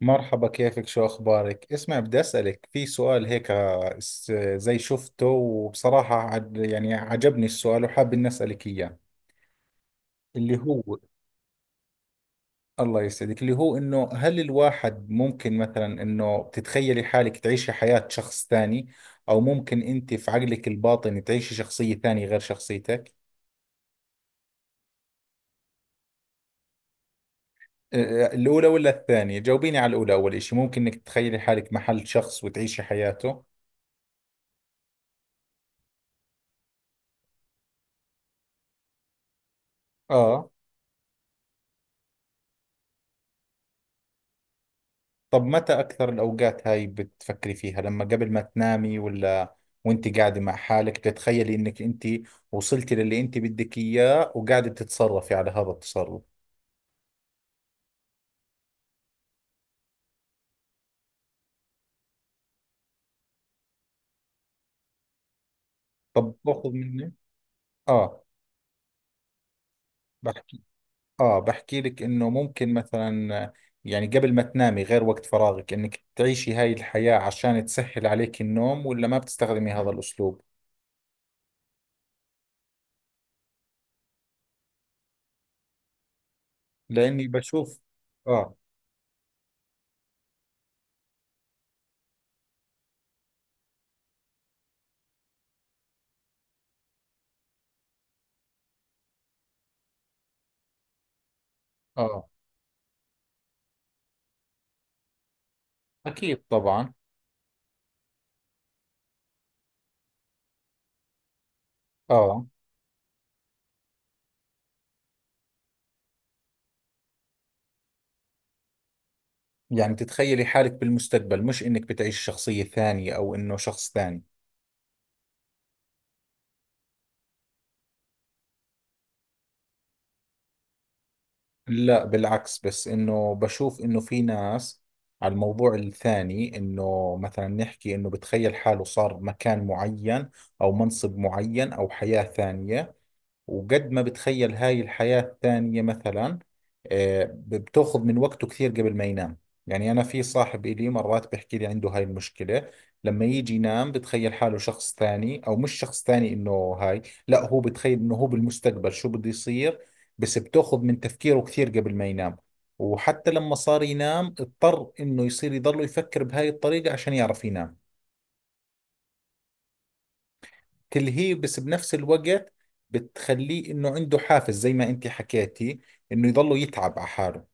مرحبا، كيفك؟ شو أخبارك؟ اسمع، بدي أسألك في سؤال هيك. زي شفته وبصراحة يعني عجبني السؤال وحاب إني أسألك إياه اللي هو. الله يسعدك، اللي هو إنه هل الواحد ممكن مثلا إنه تتخيلي حالك تعيشي حياة شخص ثاني؟ أو ممكن أنت في عقلك الباطني تعيشي شخصية ثانية غير شخصيتك؟ آه، الأولى ولا الثانية؟ جاوبيني على الأولى. أول إشي، ممكن إنك تتخيلي حالك محل شخص وتعيشي حياته؟ آه. طب متى أكثر الأوقات هاي بتفكري فيها؟ لما قبل ما تنامي، ولا وانت قاعدة مع حالك تتخيلي انك انت وصلتي للي انت بدك اياه وقاعدة تتصرفي على هذا التصرف؟ طب باخذ مني. اه بحكي. اه بحكي لك انه ممكن مثلا، يعني قبل ما تنامي غير وقت فراغك، انك تعيشي هاي الحياة عشان تسهل عليك النوم، ولا ما بتستخدمي هذا الأسلوب؟ لأني بشوف. اه. اه أكيد طبعا. اه يعني تتخيلي حالك بالمستقبل، مش انك بتعيش شخصية ثانية او انه شخص ثاني؟ لا بالعكس، بس انه بشوف انه في ناس على الموضوع الثاني، انه مثلا نحكي انه بتخيل حاله صار مكان معين او منصب معين او حياة ثانية، وقد ما بتخيل هاي الحياة الثانية مثلا، بتاخذ من وقته كثير قبل ما ينام. يعني أنا في صاحب إلي مرات بيحكي لي عنده هاي المشكلة. لما يجي ينام بتخيل حاله شخص ثاني، أو مش شخص ثاني إنه هاي، لا هو بتخيل إنه هو بالمستقبل شو بده يصير، بس بتاخذ من تفكيره كثير قبل ما ينام، وحتى لما صار ينام اضطر إنه يصير يضله يفكر بهاي الطريقة عشان يعرف ينام. تلهيه بس بنفس الوقت بتخليه انه عنده حافز، زي ما انت حكيتي، انه يضله يتعب على حاله.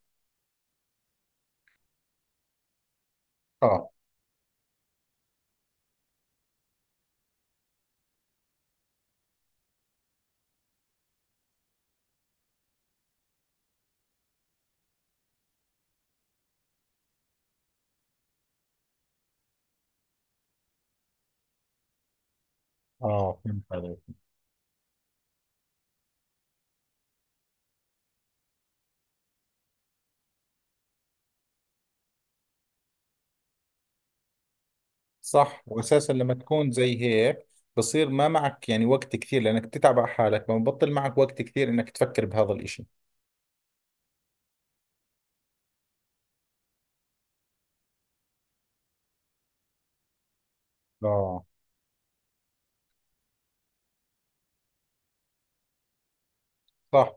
اه. اه فهمت عليك. صح، واساسا لما تكون زي هيك بصير ما معك يعني وقت كثير، لانك بتتعب على حالك ما ببطل معك وقت كثير انك تفكر بهذا الاشي. اه. صح.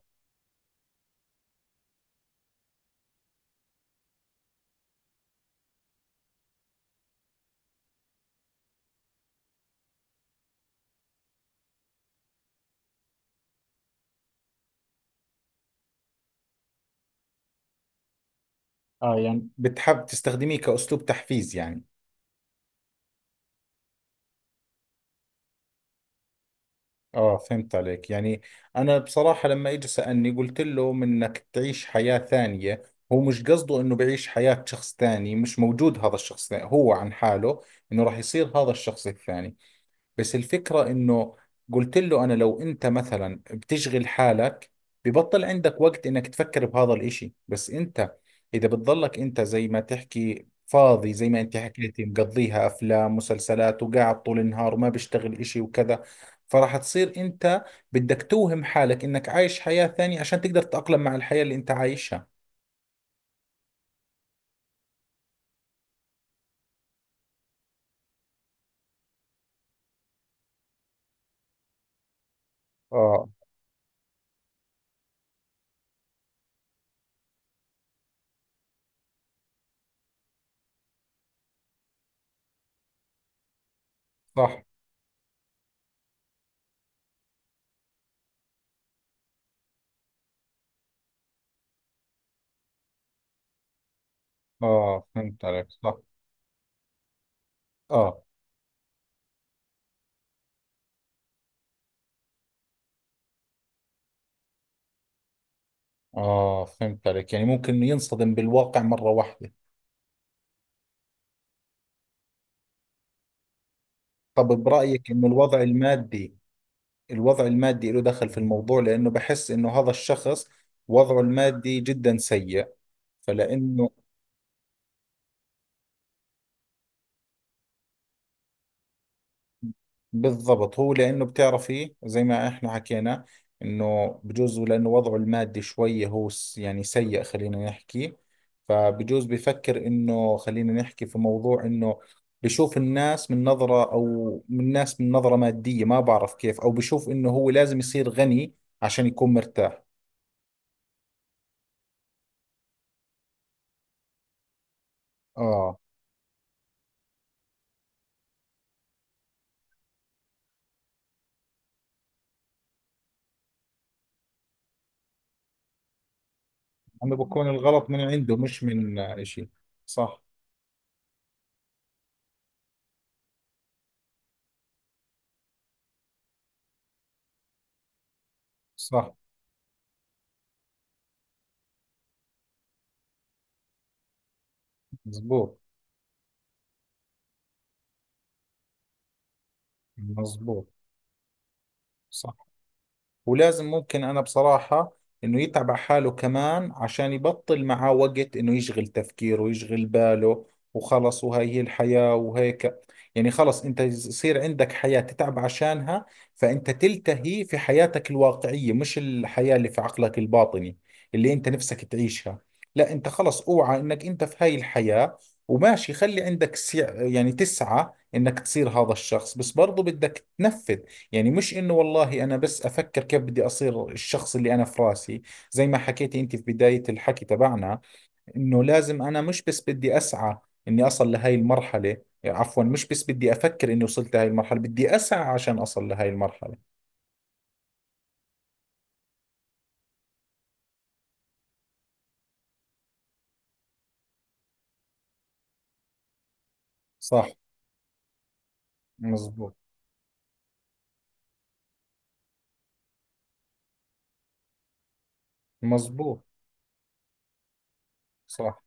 اه يعني بتحب تستخدميه كاسلوب تحفيز يعني. اه فهمت عليك يعني. انا بصراحة لما اجى سألني قلت له منك تعيش حياة ثانية، هو مش قصده انه بعيش حياة شخص ثاني مش موجود هذا الشخص ثاني. هو عن حاله انه راح يصير هذا الشخص الثاني. بس الفكرة انه قلت له، انا لو انت مثلا بتشغل حالك ببطل عندك وقت انك تفكر بهذا الاشي، بس انت اذا بتضلك انت زي ما تحكي فاضي، زي ما انت حكيتي، مقضيها افلام مسلسلات وقاعد طول النهار وما بيشتغل اشي وكذا، فراح تصير انت بدك توهم حالك انك عايش حياة ثانية عشان تقدر تتأقلم مع الحياة اللي انت عايشها. اه. صح. اه فهمت عليك. صح. اه اه فهمت عليك، يعني ممكن إنه ينصدم بالواقع مرة واحدة. طب برأيك إنه الوضع المادي، الوضع المادي له دخل في الموضوع؟ لأنه بحس إنه هذا الشخص وضعه المادي جدا سيء، فلأنه، بالضبط، هو لأنه بتعرفي زي ما إحنا حكينا إنه بجوز لأنه وضعه المادي شوية هو يعني سيء، خلينا نحكي، فبجوز بفكر إنه، خلينا نحكي في موضوع إنه بشوف الناس من نظرة، أو من الناس من نظرة مادية، ما بعرف كيف، أو بشوف إنه هو لازم يصير غني عشان يكون مرتاح. آه. انه بكون الغلط من عنده مش من اشي. صح. صح. مزبوط. مزبوط. صح. ولازم، ممكن أنا بصراحة، إنه يتعب على حاله كمان عشان يبطل معاه وقت إنه يشغل تفكيره ويشغل باله، وخلص وهاي هي الحياة وهيك. يعني خلص أنت يصير عندك حياة تتعب عشانها، فأنت تلتهي في حياتك الواقعية مش الحياة اللي في عقلك الباطني اللي أنت نفسك تعيشها. لا أنت خلص أوعى إنك أنت في هاي الحياة، وماشي، خلي عندك يعني تسعى إنك تصير هذا الشخص، بس برضو بدك تنفذ. يعني مش انه والله انا بس افكر كيف بدي اصير الشخص اللي انا في راسي، زي ما حكيتي انت في بداية الحكي تبعنا، انه لازم انا مش بس بدي اسعى اني اصل لهي المرحلة. عفوا، مش بس بدي افكر اني وصلت لهي المرحلة، بدي اسعى عشان اصل لهي المرحلة. صح. مزبوط. مزبوط. صح.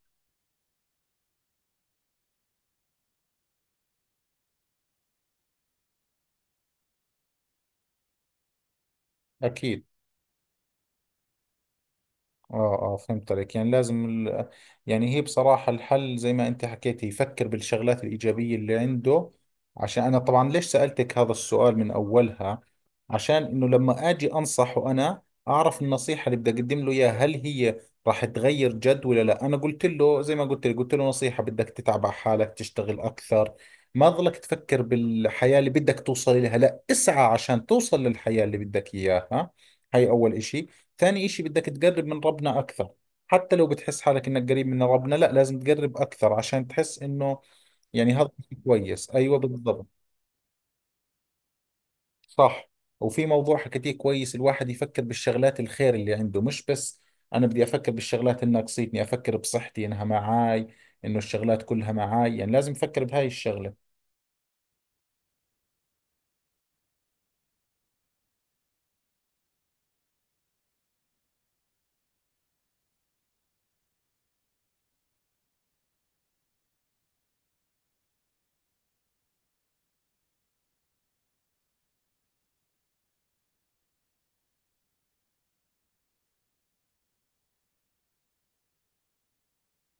اكيد. اه اه فهمت عليك، يعني هي بصراحة الحل زي ما انت حكيت، هي يفكر بالشغلات الإيجابية اللي عنده. عشان انا طبعا ليش سألتك هذا السؤال من اولها، عشان انه لما اجي انصحه انا اعرف النصيحة اللي بدي اقدم له اياها، هل هي راح تغير جد ولا لا. انا قلت له زي ما قلت لك، قلت له نصيحة، بدك تتعب على حالك، تشتغل اكثر، ما ظلك تفكر بالحياة اللي بدك توصل لها، لا اسعى عشان توصل للحياة اللي بدك اياها. هاي اول اشي. ثاني إشي، بدك تقرب من ربنا أكثر. حتى لو بتحس حالك إنك قريب من ربنا، لا لازم تقرب أكثر عشان تحس إنه، يعني هذا إشي كويس. أيوة بالضبط. صح. وفي موضوع حكيتيه كويس، الواحد يفكر بالشغلات الخير اللي عنده، مش بس أنا بدي أفكر بالشغلات اللي ناقصتني. أفكر بصحتي إنها معاي، إنه الشغلات كلها معاي، يعني لازم أفكر بهاي الشغلة.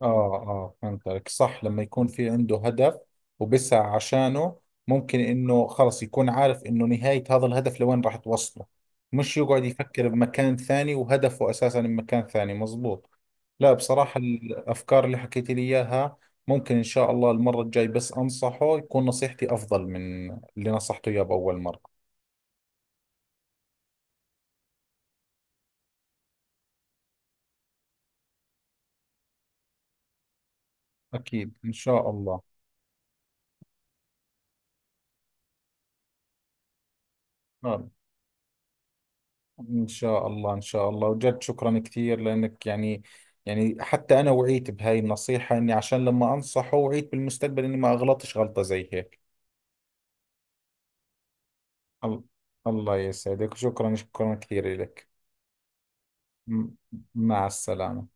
آه آه فهمت عليك. صح، لما يكون في عنده هدف وبسعى عشانه، ممكن إنه خلص يكون عارف إنه نهاية هذا الهدف لوين راح توصله، مش يقعد يفكر بمكان ثاني وهدفه أساسا بمكان ثاني. مزبوط. لا بصراحة الأفكار اللي حكيت لي إياها، ممكن إن شاء الله المرة الجاي بس أنصحه، يكون نصيحتي أفضل من اللي نصحته إياه بأول مرة. أكيد إن شاء الله. آه، إن شاء الله. إن شاء الله وجد. شكرا كثير لأنك، يعني يعني حتى أنا وعيت بهاي النصيحة، إني عشان لما أنصحه وعيت بالمستقبل إني ما أغلطش غلطة زي هيك. ال- الله يسعدك. شكرا، شكرا كثير لك. م- مع السلامة.